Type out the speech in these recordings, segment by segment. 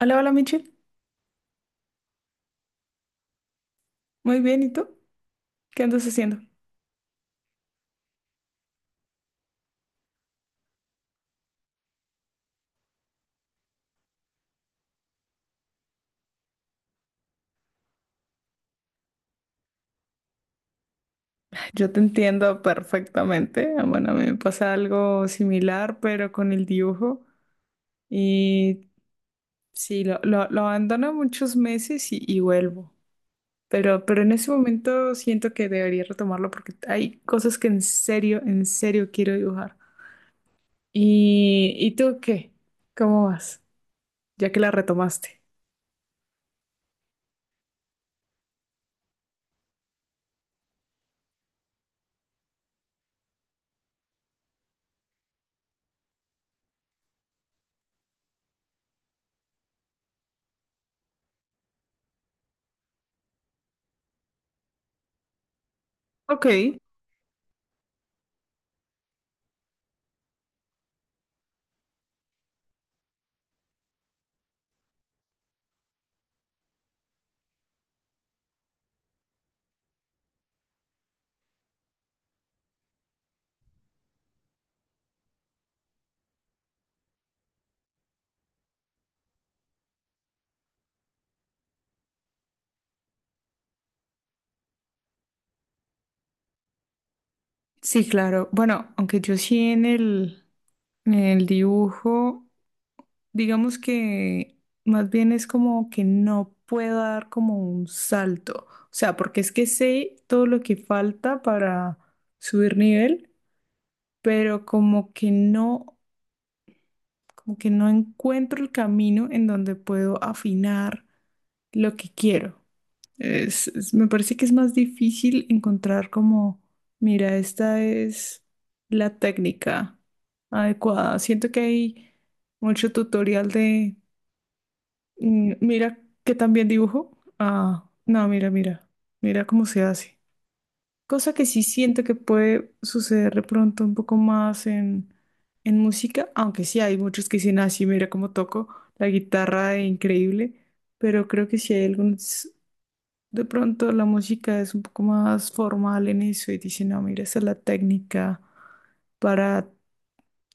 Hola, hola Michelle. Muy bien, ¿y tú? ¿Qué andas haciendo? Yo te entiendo perfectamente. Ah, bueno, a mí me pasa algo similar, pero con el dibujo. Y sí, lo abandono muchos meses y vuelvo. Pero en ese momento siento que debería retomarlo porque hay cosas que en serio quiero dibujar. ¿Y tú qué? ¿Cómo vas? Ya que la retomaste. Ok, sí, claro. Bueno, aunque yo sí en el dibujo. Digamos que más bien es como que no puedo dar como un salto. O sea, porque es que sé todo lo que falta para subir nivel, pero como que no encuentro el camino en donde puedo afinar lo que quiero. Me parece que es más difícil encontrar como, mira, esta es la técnica adecuada. Siento que hay mucho tutorial de mira que también dibujo. Ah, no, mira, mira. Mira cómo se hace. Cosa que sí siento que puede suceder de pronto un poco más en, música, aunque sí hay muchos que dicen así, mira cómo toco la guitarra, increíble, pero creo que sí hay algunos, de pronto la música es un poco más formal en eso y dicen, no, mira, esa es la técnica para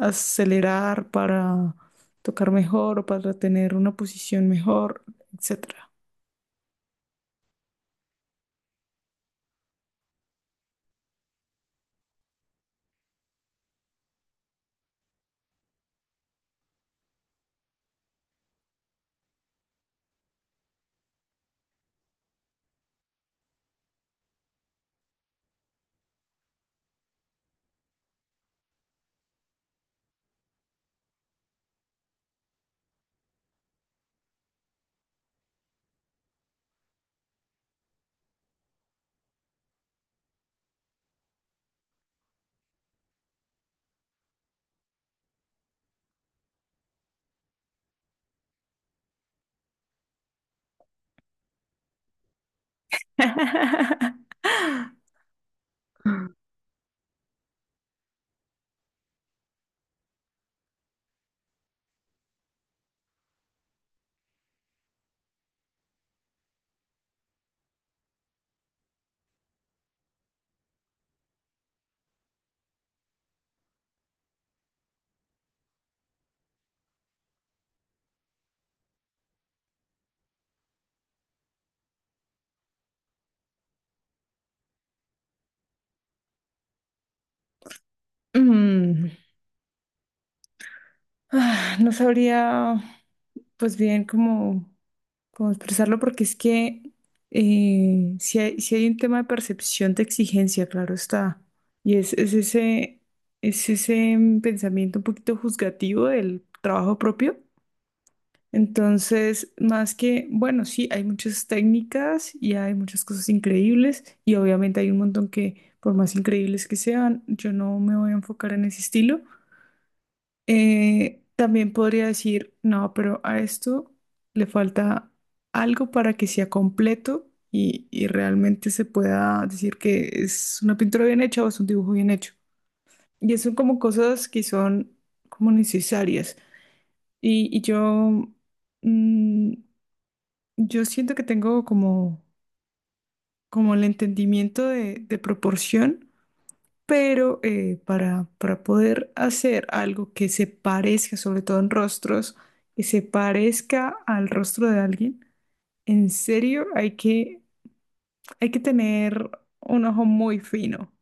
acelerar, para tocar mejor o para tener una posición mejor, etc. Mm, No sabría, pues bien, cómo, expresarlo, porque es que si hay un tema de percepción de exigencia, claro está. Y es ese, es ese pensamiento un poquito juzgativo del trabajo propio. Entonces, más que, bueno, sí, hay muchas técnicas y hay muchas cosas increíbles y obviamente hay un montón que, por más increíbles que sean, yo no me voy a enfocar en ese estilo. También podría decir, no, pero a esto le falta algo para que sea completo y realmente se pueda decir que es una pintura bien hecha o es un dibujo bien hecho. Y eso son como cosas que son como necesarias. Y, y yo... mm, yo siento que tengo como, el entendimiento de proporción, pero para poder hacer algo que se parezca, sobre todo en rostros, que se parezca al rostro de alguien, en serio hay que tener un ojo muy fino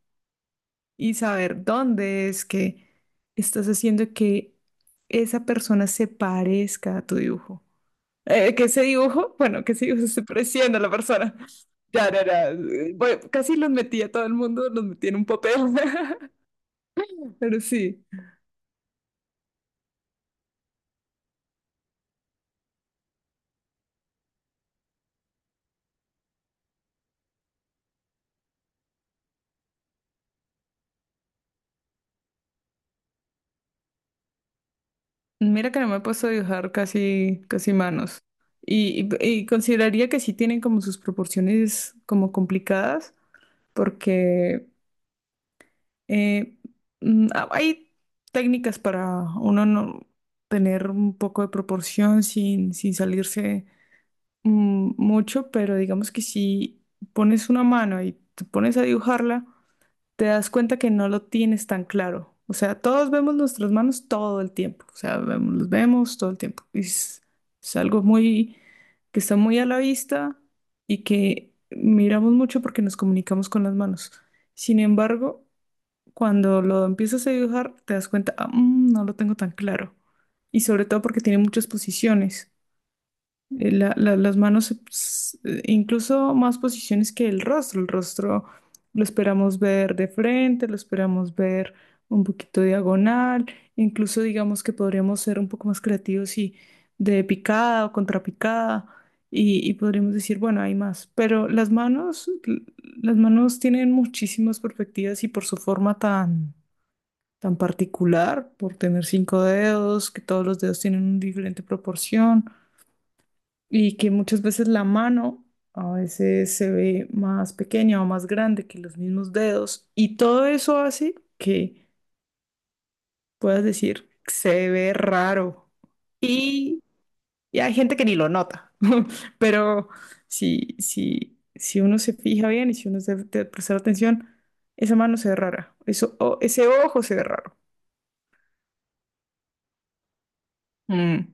y saber dónde es que estás haciendo que esa persona se parezca a tu dibujo. Que ese dibujo, bueno, que ese dibujo se esté pareciendo a la persona. Ya, ya, ya. Bueno, casi los metí a todo el mundo, los metí en un papel. Pero sí, mira que no me he puesto a dibujar casi, casi manos. Y consideraría que sí tienen como sus proporciones como complicadas, porque eh, hay técnicas para uno no tener un poco de proporción sin salirse mucho, pero digamos que si pones una mano y te pones a dibujarla, te das cuenta que no lo tienes tan claro. O sea, todos vemos nuestras manos todo el tiempo. O sea, los vemos todo el tiempo. Y es algo muy que está muy a la vista y que miramos mucho porque nos comunicamos con las manos. Sin embargo, cuando lo empiezas a dibujar, te das cuenta, "Ah, no lo tengo tan claro. Y sobre todo porque tiene muchas posiciones. Las manos, incluso más posiciones que el rostro. El rostro lo esperamos ver de frente, lo esperamos ver un poquito diagonal. Incluso digamos que podríamos ser un poco más creativos y de picada o contrapicada y podríamos decir, bueno, hay más. Pero las manos tienen muchísimas perspectivas y por su forma tan particular, por tener cinco dedos, que todos los dedos tienen una diferente proporción y que muchas veces la mano a veces se ve más pequeña o más grande que los mismos dedos y todo eso hace que puedas decir se ve raro y, y hay gente que ni lo nota, pero si uno se fija bien y si uno se de prestar atención, esa mano se ve rara, eso, ese ojo se ve raro. Mm.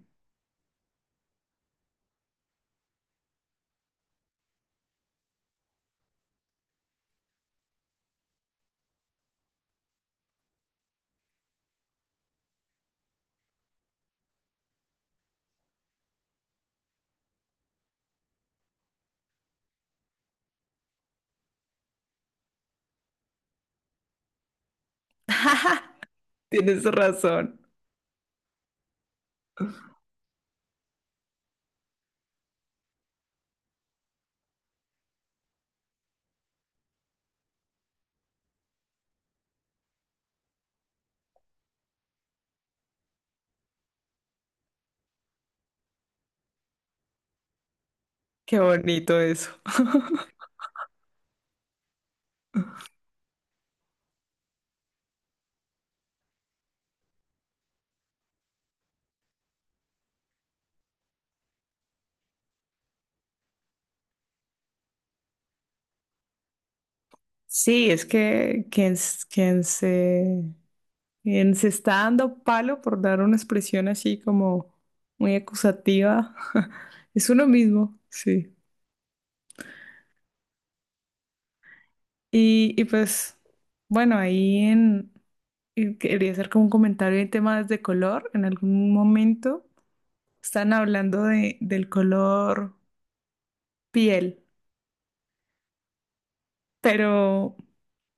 Tienes razón, qué bonito eso. Sí, es que quien se Bien, se está dando palo por dar una expresión así como muy acusativa. Es uno mismo, sí. Y pues, bueno, y quería hacer como un comentario en temas de color. En algún momento están hablando del color piel, pero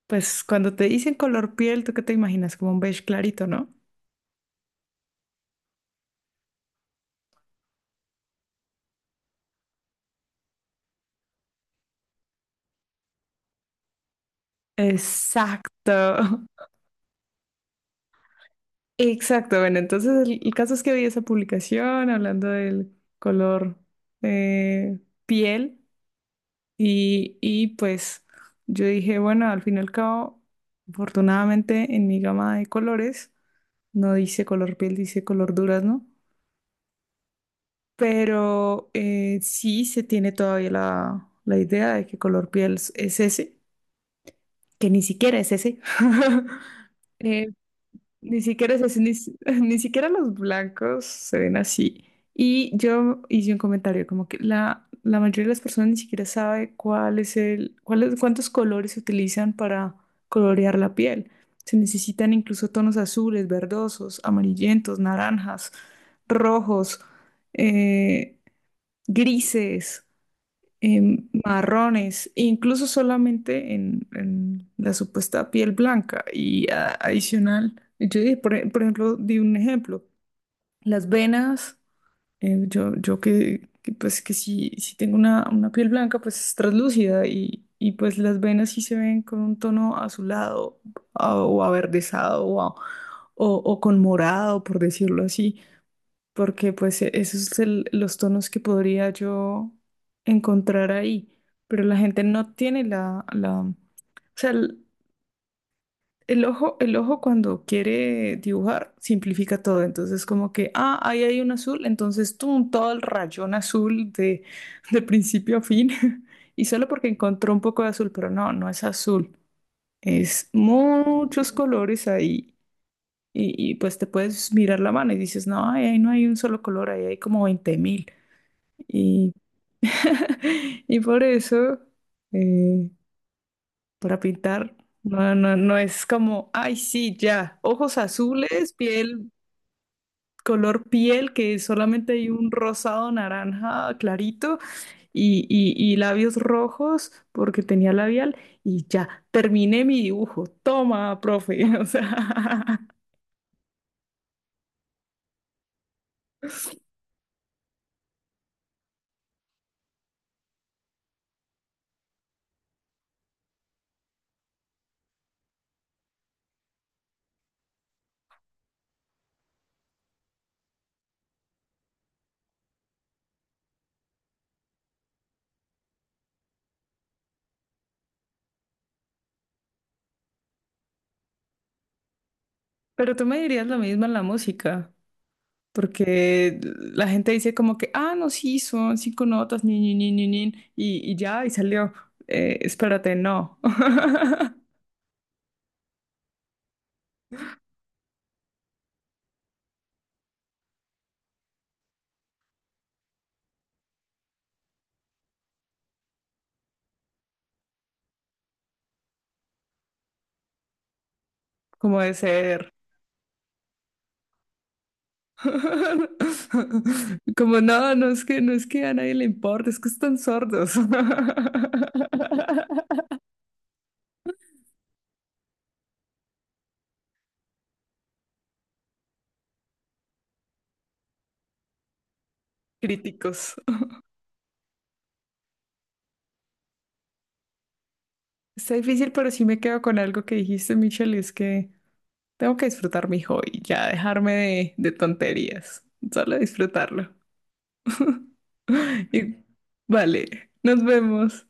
pues cuando te dicen color piel, ¿tú qué te imaginas? Como un beige clarito, ¿no? Exacto. Exacto, bueno, entonces el caso es que vi esa publicación hablando del color eh, piel y pues yo dije, bueno, al fin y al cabo, afortunadamente en mi gama de colores no dice color piel, dice color durazno, pero sí se tiene todavía la idea de que color piel es ese, que ni siquiera es ese. Eh, Ni siquiera es así, ni, si- ni siquiera los blancos se ven así. Y yo hice un comentario como que la mayoría de las personas ni siquiera sabe cuál es el, cuál es- cuántos colores se utilizan para colorear la piel. Se necesitan incluso tonos azules, verdosos, amarillentos, naranjas, rojos, eh, grises marrones, incluso solamente en, la supuesta piel blanca y adicional. Yo dije, por ejemplo, di un ejemplo, las venas, yo pues que si tengo una piel blanca, pues es translúcida y pues las venas sí se ven con un tono azulado o averdezado o con morado, por decirlo así porque pues esos son los tonos que podría yo encontrar ahí, pero la gente no tiene o sea, el ojo cuando quiere dibujar simplifica todo, entonces como que, ahí hay un azul, entonces tum, todo el rayón azul de principio a fin, y solo porque encontró un poco de azul, pero no, no es azul, es muchos colores ahí. Y, pues te puedes mirar la mano y dices, no, ay, ahí no hay un solo color, ahí hay como 20.000 y, y por eso, eh, para pintar, no, no, no es como, ay, sí, ya, ojos azules, piel, color piel, que solamente hay un rosado naranja clarito y labios rojos, porque tenía labial, y ya, terminé mi dibujo. Toma, profe. O sea, pero tú me dirías lo mismo en la música. Porque la gente dice como que, no, sí, son cinco notas, ni, ni, ni, ni, ni", y ya, y salió. Espérate, no, como de ser. Como no, no es que, a nadie le importa, es que están sordos. Críticos. Está difícil, pero sí me quedo con algo que dijiste, Michelle, y es que tengo que disfrutar mi hobby, ya dejarme de tonterías, solo disfrutarlo. Y vale, nos vemos.